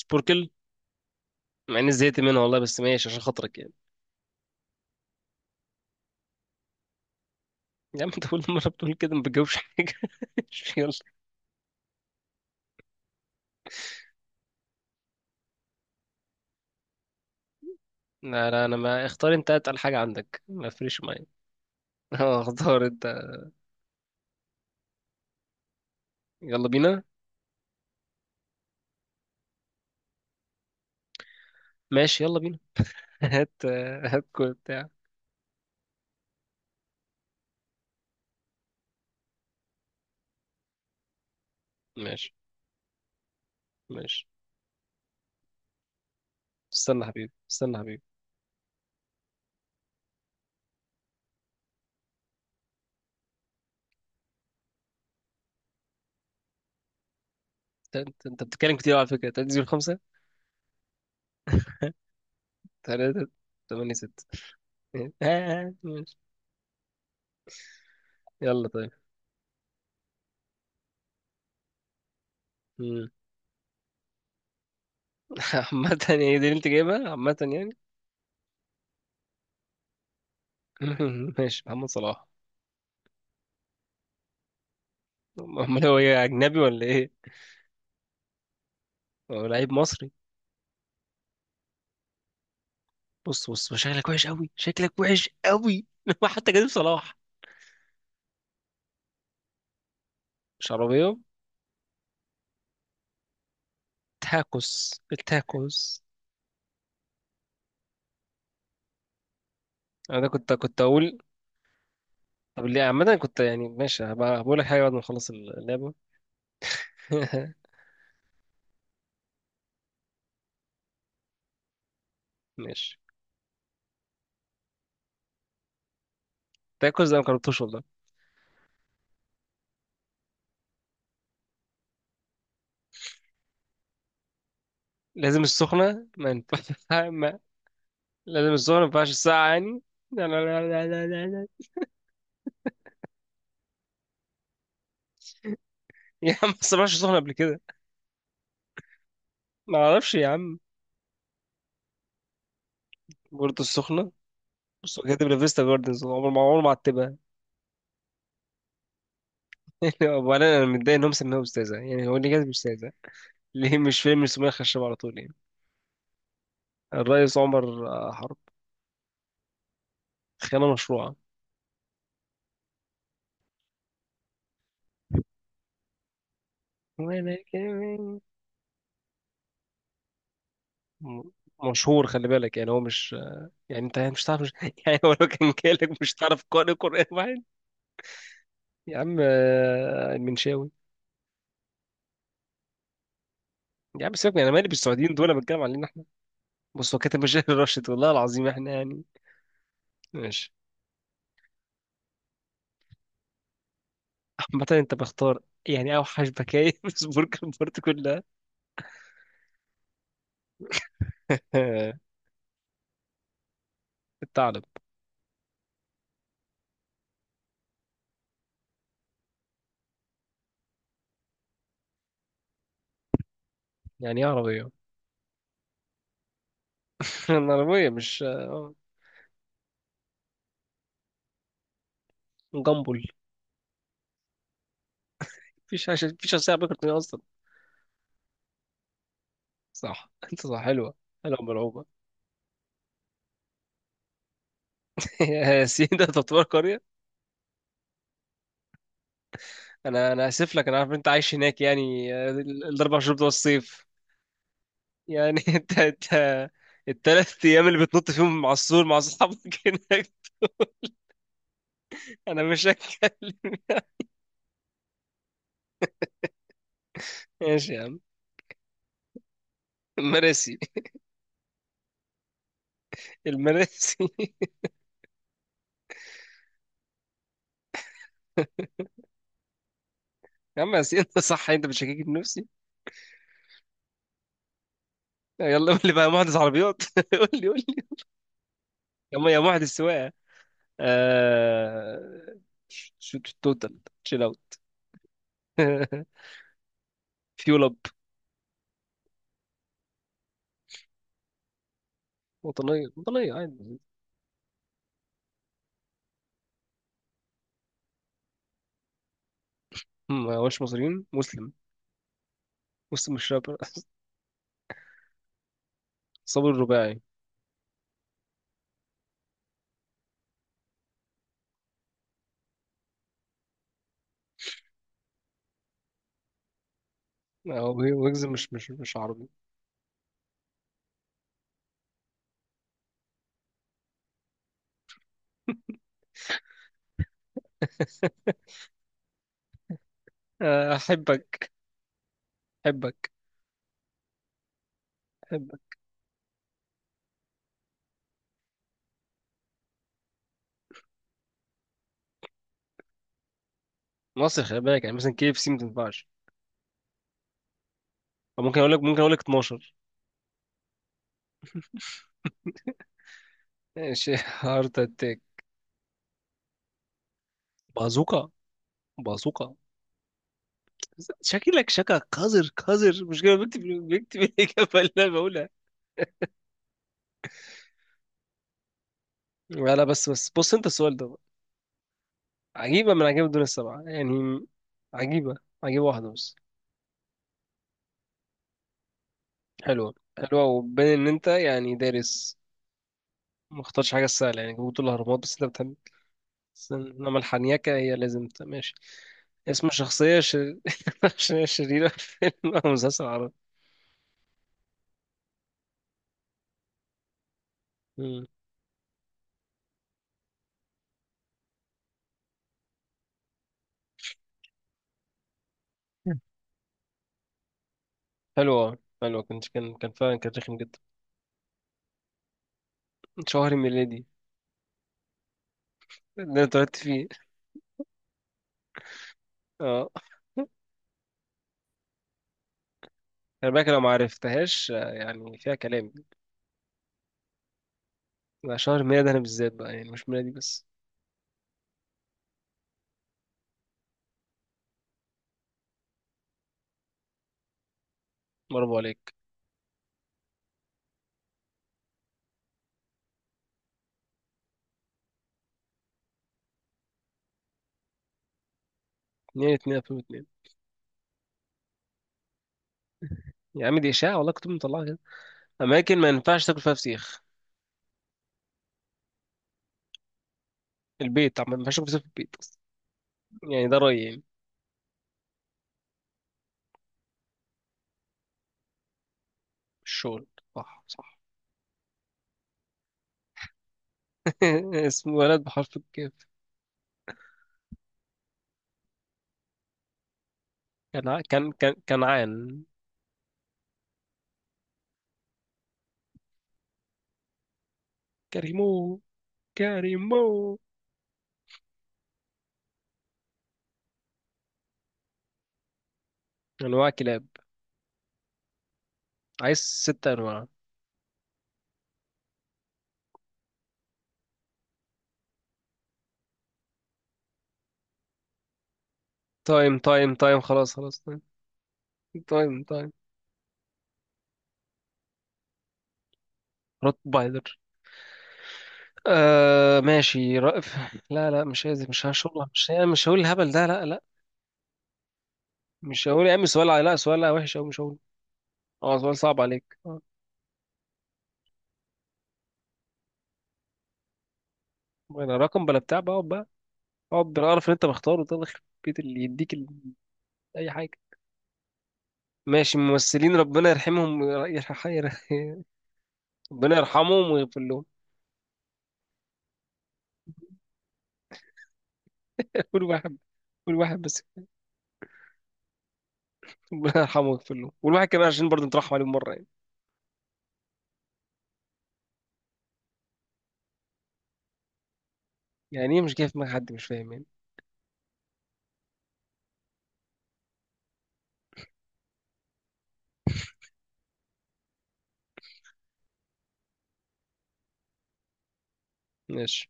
سبوركل. مع اني زهقت منها والله، بس ماشي عشان خاطرك يعني. يا عم انت كل مره بتقول كده، ما بتجاوبش حاجه. يلا. لا لا، انا ما اختار، انت اتقل حاجه عندك، ما فريش معايا. اه، اختار انت. يلا بينا. ماشي يلا بينا. هات. هات كل بتاع. ماشي. ماشي. استنى حبيبي، استنى حبيبي. انت انت أنت بتتكلم كتير على فكره، تنزل خمسه. 386 آه، آه، ماشي. يلا طيب. مم. عامة يعني، دي اللي انت جايبها؟ عامة يعني. ماشي. محمد صلاح. امال هو ايه، اجنبي ولا ايه؟ هو لعيب مصري. بص بص، شكلك وحش قوي، شكلك وحش قوي. هو حتى كريم صلاح. شرابيه. تاكوس، التاكوس. انا كنت اقول. طب ليه عامه؟ كنت يعني ماشي هبقى بقول لك حاجه بعد ما نخلص اللعبه. ماشي. تاكوس ده ما جربتوش والله. لازم السخنه ما ينفعش. لازم السخنه ما ينفعش، الساقعه يعني. لا، لا، لا، لا، لا، لا، لا. يا عم ما سمعتش السخنه قبل كده. ما اعرفش يا عم. بورتو السخنه. بس كاتب لافيستا جاردنز، عمر ما عتبها. وانا متضايق ان هم سموها استاذه يعني، هو اللي كاتب استاذه. ليه مش فيلم سمية خشاب على طول يعني؟ الرئيس عمر حرب. خيانه مشروعه. وأنا كمان. م- مشهور، خلي بالك، يعني هو مش. يعني انت مش تعرف، مش... يعني هو لو كان جالك مش تعرف قارئ قرآن واحد. يا عم المنشاوي. يا عم سيبك انا مالي بالسعوديين دول، انا بتكلم علينا احنا. بص هو كاتب مشاهير الراشد، والله العظيم احنا يعني. ماشي. عامة انت بختار يعني اوحش بكاية في سبورك البورت كلها. الثعلب. يعني ايه عربية؟ العربية مش جامبل. مفيش عشان عربية كرتونية أصلا. صح، أنت صح، حلوة. حلوة ملعوبة. يا سين، ده تعتبر قرية. أنا آسف لك، أنا عارف إن أنت عايش هناك يعني الأربع شهور بتوع الصيف يعني. أنت التلات أيام اللي بتنط فيهم مع السور مع أصحابك. هناك. أنا مش هتكلم. ماشي يا عم. المراسي. المراسي. يا عم يا سين، أنت صح، أنت بتشككني في نفسي. يلا قول لي بقى يا مهندس عربيات. قول لي، قول لي. يا مهندس سواقة. آه... توتال. تشيل اوت. فيول اب. وطنية، وطنية. عادي. هم ما هوش مصريين، مسلم. مسلم مش رابر. صابر الرباعي. هو ويجز مش عربي. احبك. احبك. احبك. مصر، خلي بالك، يعني مثلا كي اف سي ما تنفعش. أو ممكن اقول لك 12. ماشي. هارت اتاك. بازوكا. بازوكا. شكلك، شكا قذر، قذر، مش كده بكتب. بكتب الاجابه اللي انا بقولها. لا لا، بس بس بص انت السؤال ده. عجيبة من عجائب الدنيا السبعة يعني. عجيبة. عجيبة واحدة بس. حلوة، حلوة، وبين إن أنت يعني دارس. ما اختارش حاجة سهلة يعني، جبت الأهرامات بس أنت بتحب. بس إنما الحنيكة هي لازم ماشي. اسم شخصية شخصية شريرة في فيلم أو مسلسل عربي. مم. حلوة، حلوة، كنت كان كان فعلا كان رخم جدا. شهر ميلادي اللي أنا اتولدت فيه. اه. خلي بالك لو ما عرفتهاش يعني فيها كلام. ده شهر ميلاد أنا بالذات بقى يعني، مش ميلادي بس. برافو عليك. اتنين، اتنين، 2002. يا عم دي إشاعة والله، كنت مطلعها كده. أماكن ما ينفعش تاكل فيها فسيخ. البيت، عم ما ينفعش تاكل فسيخ في البيت أصلا. يعني ده رأيي يعني. الشغل. صح، صح. اسمه ولد بحرف الكاف. كان كان كنعان. كريمو. كريمو. أنواع كلاب. عايز ست أنواع. تايم، تايم، تايم، خلاص، خلاص، تايم. تايم، تايم. روتفايلر. آه ماشي، رأف. لا لا، مش عايز، مش هشغل، مش هقول الهبل ده، لا لا. مش هقول يا عم، سؤال لا، سؤال لا وحش أوي، مش هقول. اه سؤال صعب عليك، اه. انا رقم بلا بتاع بقى، اقعد بقى. اقعد بالقرف اللي انت مختاره ده، يخرب بيت اللي يديك اي حاجه. ماشي. ممثلين ربنا يرحمهم، ربنا يرحمهم ويغفر لهم. كل واحد. كل واحد بس. ربنا يرحمه ويغفر له، والواحد كمان عشان برضه نترحم عليه مره يعني. يعني ايه مش جاي في دماغ حد؟ مش فاهم يعني. ماشي.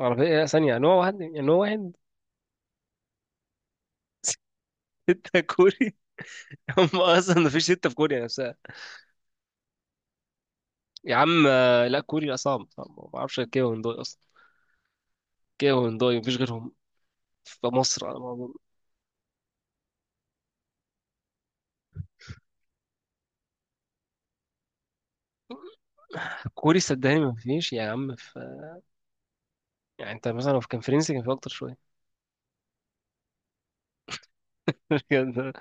اعرف ايه ثانيه يعني، هو واحد، يعني هو واحد. ستة كوري. هم اصلا مفيش ستة في كوريا نفسها. يا عم لا، كوريا صعب، صعب ما بعرفش، كيف هندوي اصلا. كيف هندوي مفيش غيرهم في مصر. كوري صدقني ما فيش يا عم يعني انت مثلا لو كان فرنسي كان في اكتر شويه. كده-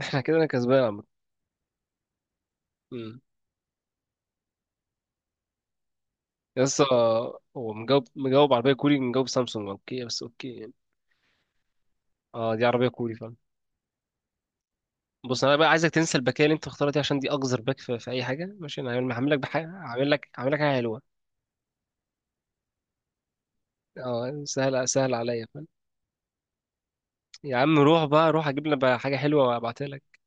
احنا كده، انا كسبان عم. لسه. هو مجاوب، مجاوب عربيه كوري، مجاوب سامسونج اوكي، بس اوكي يعني. اه دي عربيه كوري فعلا. بص انا بقى عايزك تنسى الباكيه اللي انت مختارها دي عشان دي اقذر باك في اي حاجه. ماشي انا هعمل لك بحاجه، هعمل لك حاجه حلوه. اه سهل، سهل عليا، فاهم. يا عم روح بقى، روح اجيب لنا بقى حاجه حلوه وابعتها لك.